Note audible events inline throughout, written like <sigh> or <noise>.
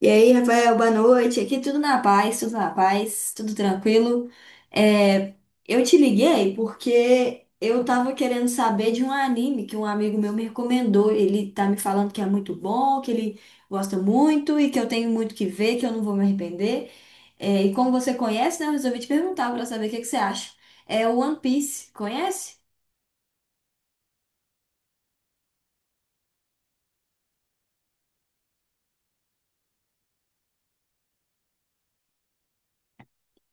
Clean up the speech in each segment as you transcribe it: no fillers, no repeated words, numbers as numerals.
E aí, Rafael, boa noite. Aqui tudo na paz, tudo na paz, tudo tranquilo. É, eu te liguei porque eu tava querendo saber de um anime que um amigo meu me recomendou. Ele tá me falando que é muito bom, que ele gosta muito e que eu tenho muito que ver, que eu não vou me arrepender. É, e como você conhece, né, eu resolvi te perguntar para saber o que que você acha. É o One Piece, conhece?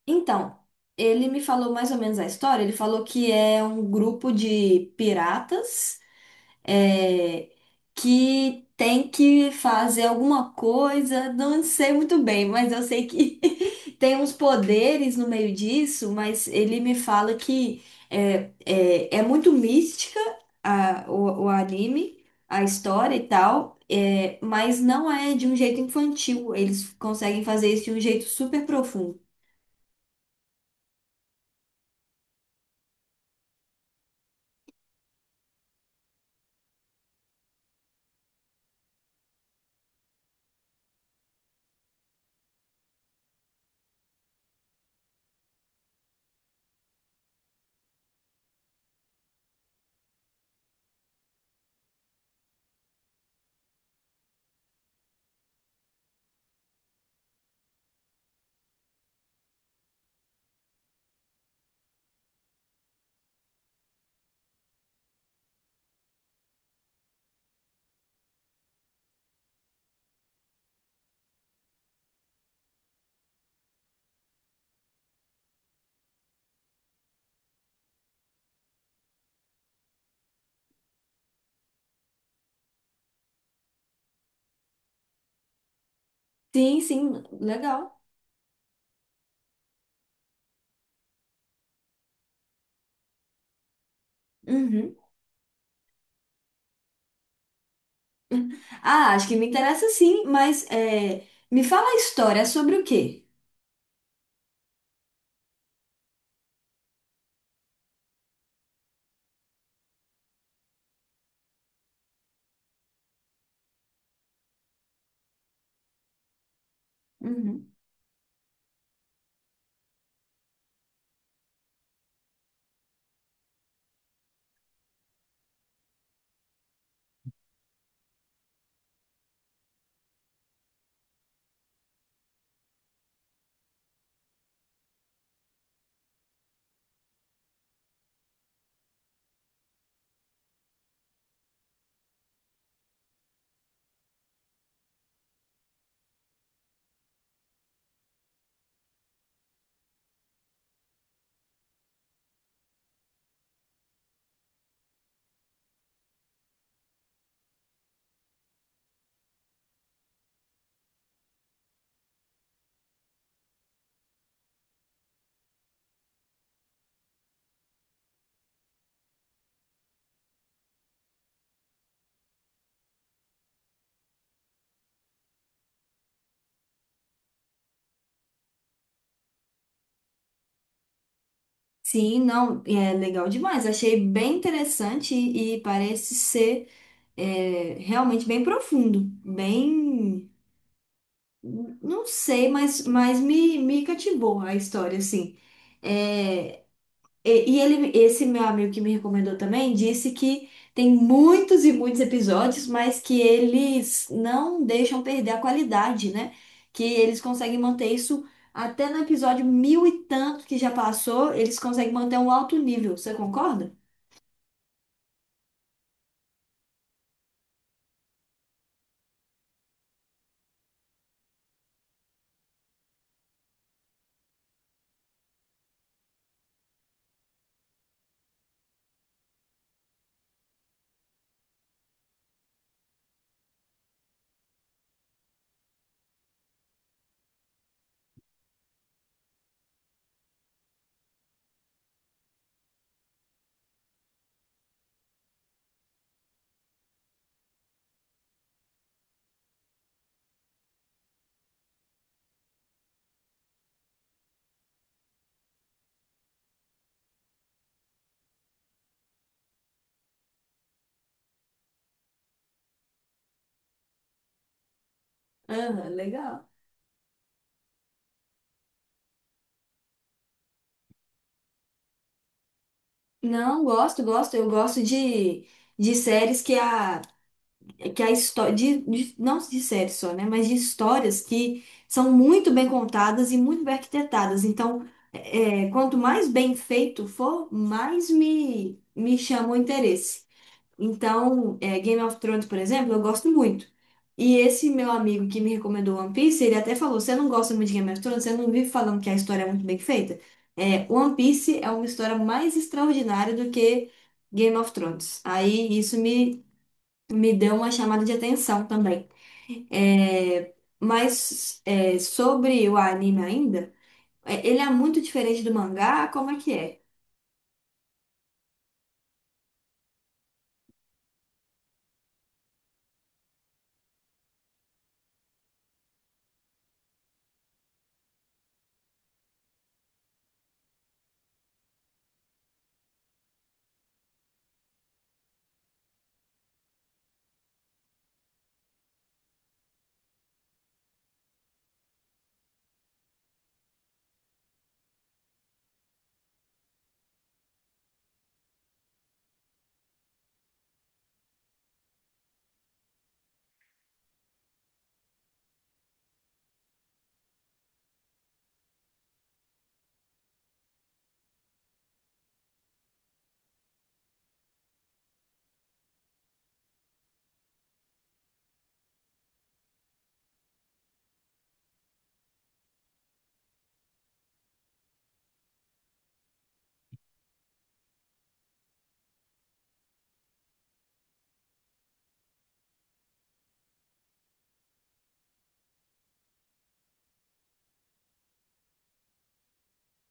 Então, ele me falou mais ou menos a história. Ele falou que é um grupo de piratas. é, que tem que fazer alguma coisa, não sei muito bem, mas eu sei que <laughs> tem uns poderes no meio disso, mas ele me fala que é muito mística o anime, a história e tal. É, mas não é de um jeito infantil. Eles conseguem fazer isso de um jeito super profundo. Sim, sim, legal. Uhum. Ah, acho que me interessa sim, mas me fala a história é sobre o quê? Uhum. Sim, não, é legal demais. Achei bem interessante e parece ser realmente bem profundo, bem, não sei, mas me cativou a história, assim. É, e ele, esse meu amigo que me recomendou também disse que tem muitos e muitos episódios, mas que eles não deixam perder a qualidade, né? Que eles conseguem manter isso até no episódio mil e tanto que já passou, eles conseguem manter um alto nível. Você concorda? Ah, legal. Não, gosto, gosto. Eu gosto de séries que a história não de séries só, né, mas de histórias que são muito bem contadas e muito bem arquitetadas. Então, quanto mais bem feito for, mais me chama o interesse. Então, Game of Thrones, por exemplo, eu gosto muito. E esse meu amigo que me recomendou One Piece, ele até falou: você não gosta muito de Game of Thrones, você não vive falando que a história é muito bem feita. É, One Piece é uma história mais extraordinária do que Game of Thrones. Aí isso me deu uma chamada de atenção também. É, mas sobre o anime ainda, ele é muito diferente do mangá, como é que é?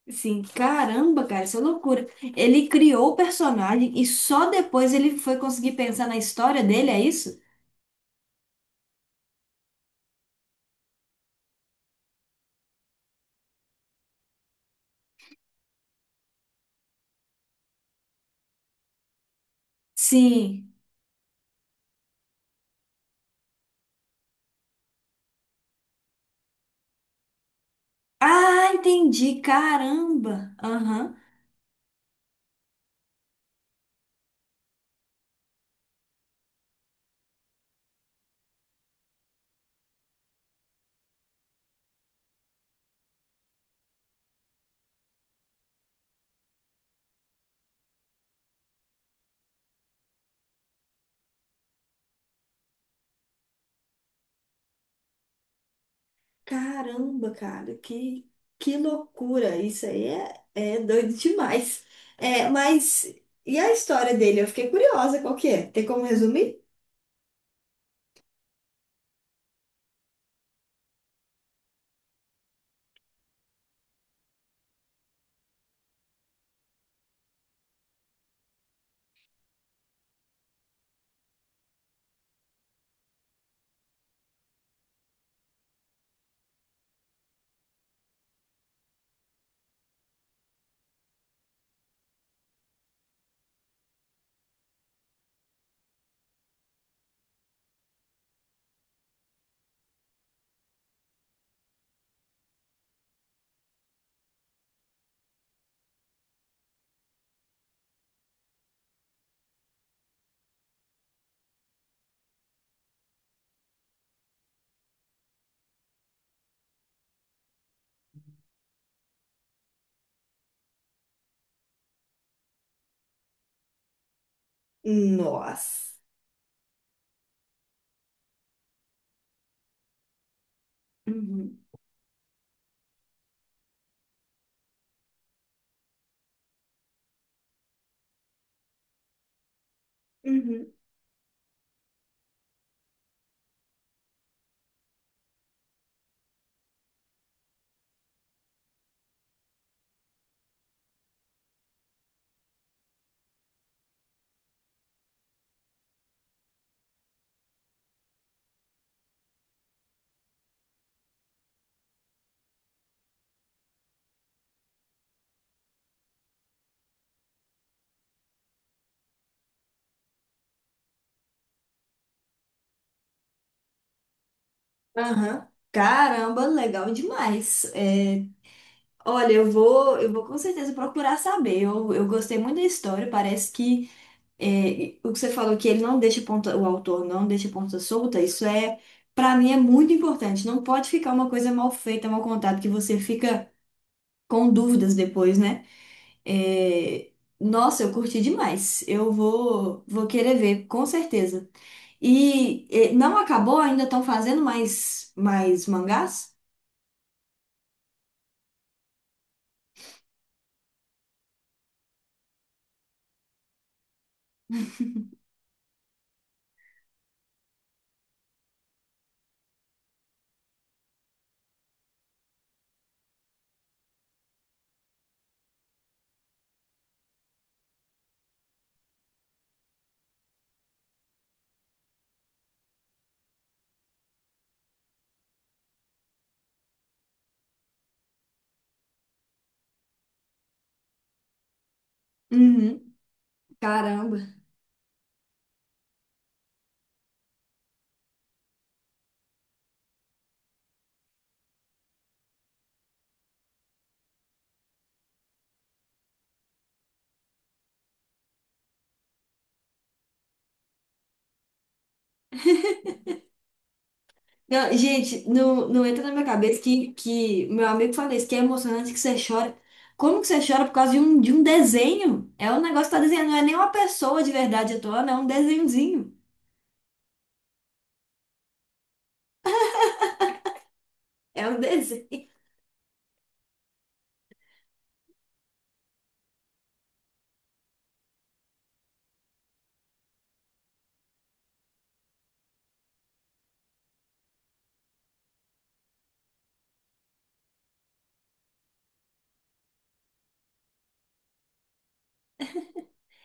Assim, caramba, cara, isso é loucura. Ele criou o personagem e só depois ele foi conseguir pensar na história dele, é isso? Sim. Ah, entendi, caramba. Aham. Caramba, cara, que loucura! Isso aí é doido demais. É, mas e a história dele? Eu fiquei curiosa, qual que é? Tem como resumir? Nossa. Uhum. Uhum. Aham. Caramba, legal demais. É, olha, eu vou com certeza procurar saber. Eu gostei muito da história. Parece que é, o que você falou que ele não deixa ponta, o autor não deixa ponta solta, isso é, para mim é muito importante. Não pode ficar uma coisa mal feita, mal contada, que você fica com dúvidas depois, né? É, nossa, eu curti demais. Eu vou querer ver, com certeza. E, não acabou? Ainda estão fazendo mais mangás? Uhum. Caramba. Não, gente, não, não entra na minha cabeça que meu amigo fala isso, que é emocionante que você chora. Como que você chora por causa de um desenho? É um negócio que tá desenhando, não é nem uma pessoa de verdade atuando, é um desenhozinho. É um desenho.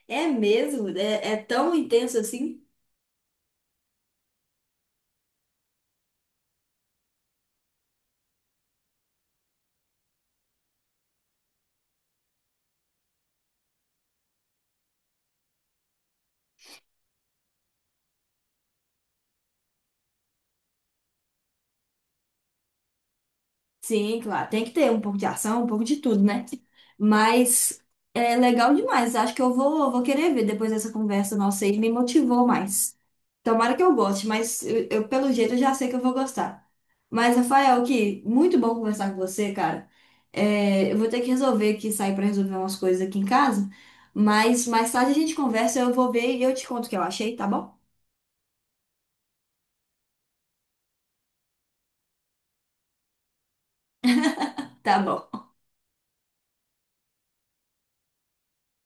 É mesmo, é tão intenso assim. Sim, claro. Tem que ter um pouco de ação, um pouco de tudo, né? Mas é legal demais. Acho que eu vou querer ver depois dessa conversa nossa aí. Me motivou mais. Tomara que eu goste, mas pelo jeito eu já sei que eu vou gostar. Mas, Rafael, que muito bom conversar com você, cara. É, eu vou ter que resolver aqui, sair para resolver umas coisas aqui em casa. Mas mais tarde a gente conversa, eu vou ver e eu te conto o que eu achei, tá bom? Tá bom.